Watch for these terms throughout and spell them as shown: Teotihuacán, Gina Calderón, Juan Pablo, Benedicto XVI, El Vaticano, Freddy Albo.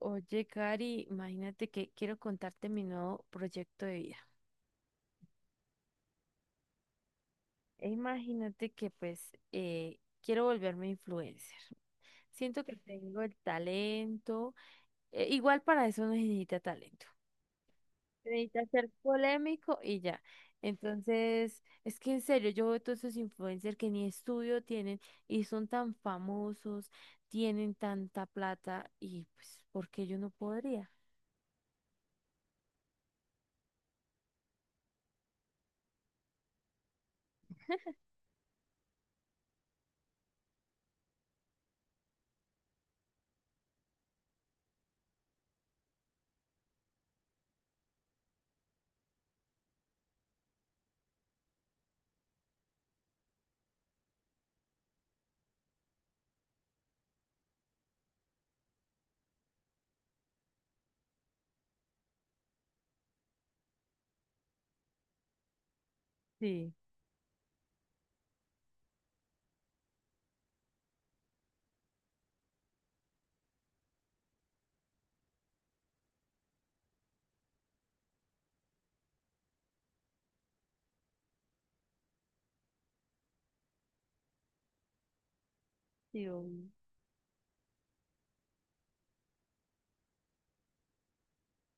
Oye, Cari, imagínate que quiero contarte mi nuevo proyecto de vida. E imagínate que quiero volverme influencer. Siento que tengo el talento. Igual para eso no se necesita talento. Se necesita ser polémico y ya. Entonces, es que en serio, yo veo todos esos influencers que ni estudio tienen y son tan famosos, tienen tanta plata y pues, ¿por qué yo no podría? Sí, sí, obvio.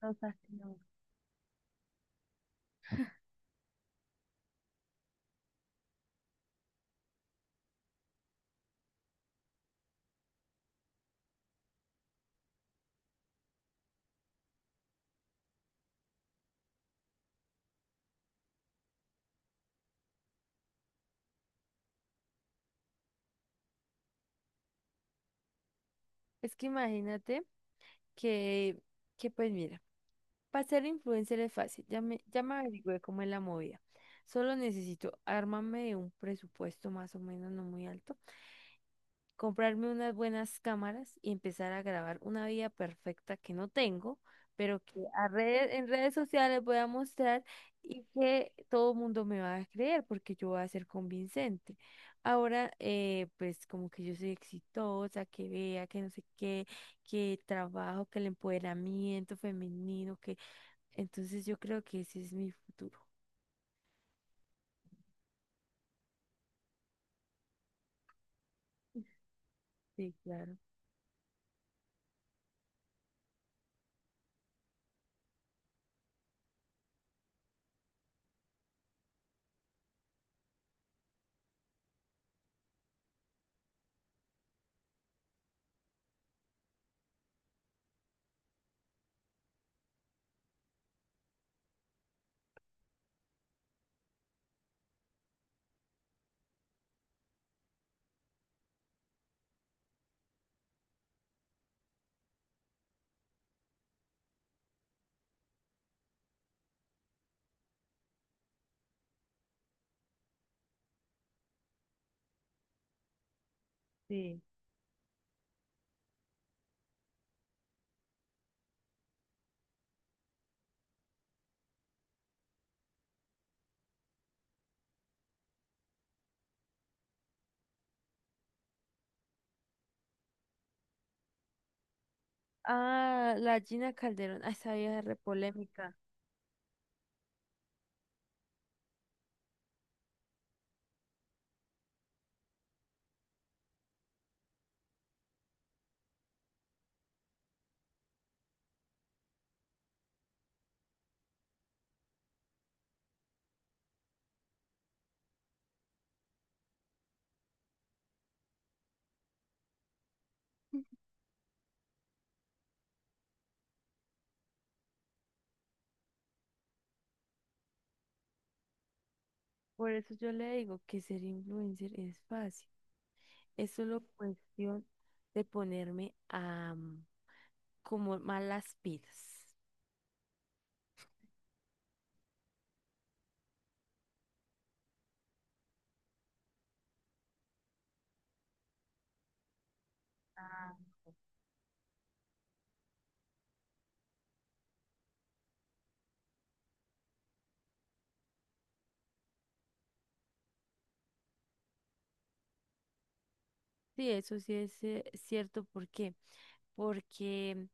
O sea, no. Es que imagínate. que, que pues mira, para ser influencer es fácil, ya me averigüé cómo es la movida. Solo necesito armarme de un presupuesto más o menos no muy alto, comprarme unas buenas cámaras y empezar a grabar una vida perfecta que no tengo, pero que en redes sociales voy a mostrar y que todo el mundo me va a creer porque yo voy a ser convincente. Ahora, pues como que yo soy exitosa, que vea, que no sé qué, que el trabajo, que el empoderamiento femenino, que entonces yo creo que ese es mi futuro. Sí, claro, sí. Ah, la Gina Calderón, ah, esa vieja es re polémica. Por eso yo le digo que ser influencer es fácil. Es solo cuestión de ponerme a como más las pilas. Sí, eso sí es cierto. ¿Por qué? Porque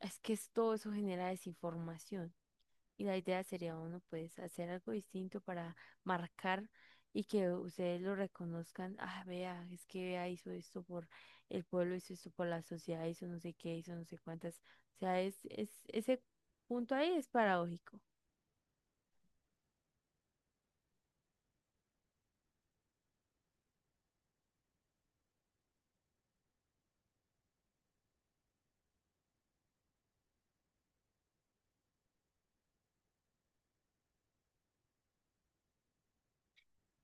todo eso genera desinformación. Y la idea sería uno, pues, hacer algo distinto para marcar y que ustedes lo reconozcan. Ah, vea, es que vea, hizo esto por el pueblo, hizo esto por la sociedad, hizo no sé qué, hizo no sé cuántas. O sea, ese punto ahí es paradójico.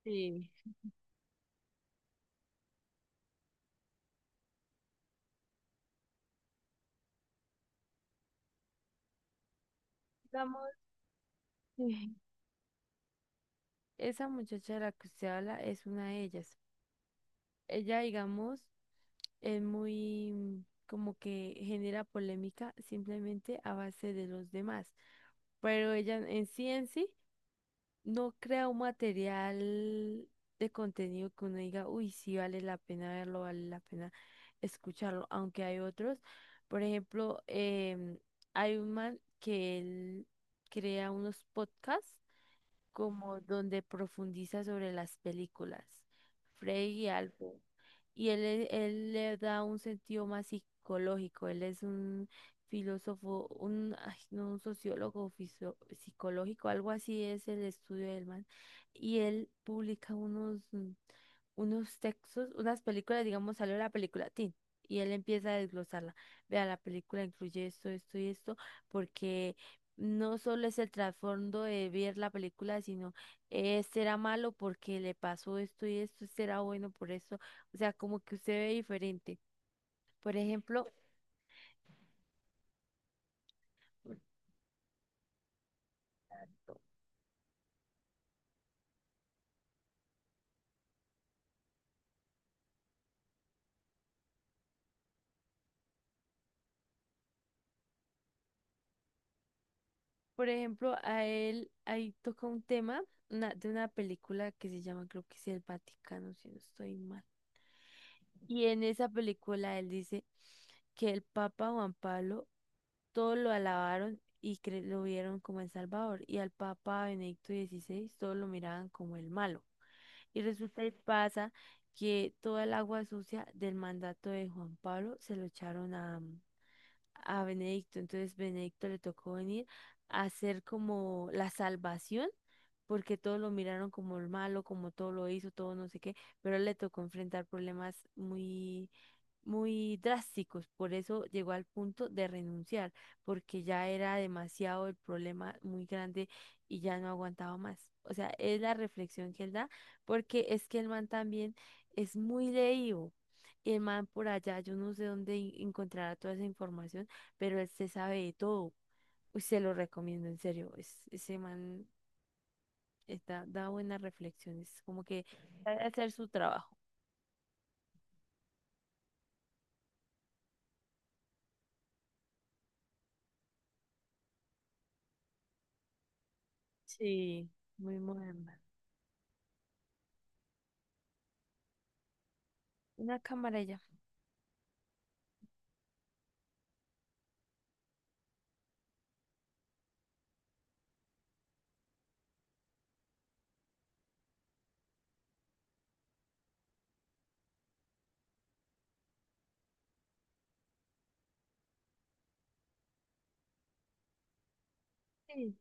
Sí. Digamos, sí, esa muchacha de la que usted habla es una de ellas. Ella, digamos, es muy como que genera polémica simplemente a base de los demás. Pero ella en sí. No crea un material de contenido que uno diga, uy, sí vale la pena verlo, vale la pena escucharlo, aunque hay otros. Por ejemplo, hay un man que él crea unos podcasts como donde profundiza sobre las películas. Freddy Albo y él le da un sentido más psicológico. Él es un filósofo, un, ay, no, un sociólogo psicológico, algo así es el estudio del man. Y él publica unos, unos textos, unas películas, digamos, salió la película Tin. Y él empieza a desglosarla. Vea, la película incluye esto, esto y esto, porque no solo es el trasfondo de ver la película, sino este era malo porque le pasó esto y esto, este era bueno por esto. O sea, como que usted ve diferente. Por ejemplo, por ejemplo, a él ahí toca un tema de una película que se llama, creo que es El Vaticano, si no estoy mal. Y en esa película él dice que el Papa Juan Pablo todos lo alabaron y lo vieron como el Salvador. Y al Papa Benedicto XVI todos lo miraban como el malo. Y resulta y pasa que toda el agua sucia del mandato de Juan Pablo se lo echaron a Benedicto. Entonces Benedicto le tocó venir a hacer como la salvación, porque todos lo miraron como el malo, como todo lo hizo, todo no sé qué, pero a él le tocó enfrentar problemas muy drásticos, por eso llegó al punto de renunciar, porque ya era demasiado, el problema muy grande y ya no aguantaba más. O sea, es la reflexión que él da, porque es que el man también es muy leído. Y el man por allá, yo no sé dónde encontrará toda esa información, pero él se sabe de todo. Uy, se lo recomiendo, en serio. Ese man está, da buenas reflexiones, como que sabe hacer su trabajo. Sí. Muy moderna. Una cámara ya. Sí,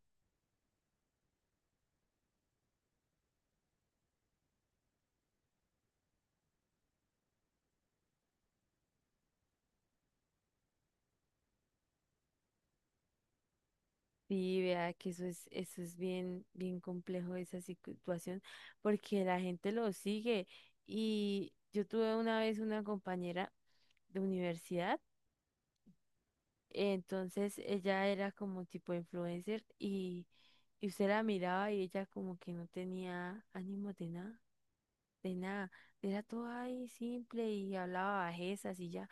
sí, vea que eso es bien, bien complejo esa situación, porque la gente lo sigue. Y yo tuve una vez una compañera de universidad, entonces ella era como tipo influencer y usted la miraba y ella como que no tenía ánimo de nada. Era todo ahí simple y hablaba bajezas y ya.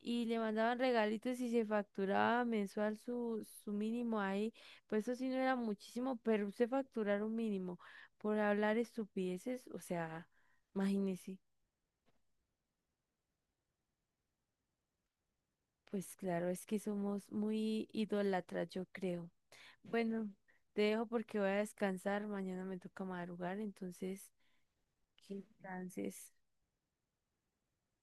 Y le mandaban regalitos y se facturaba mensual su mínimo ahí. Pues eso sí no era muchísimo, pero usted facturar un mínimo por hablar estupideces, o sea, imagínese. Pues claro, es que somos muy idólatras, yo creo. Bueno, te dejo porque voy a descansar. Mañana me toca madrugar, entonces que descanses.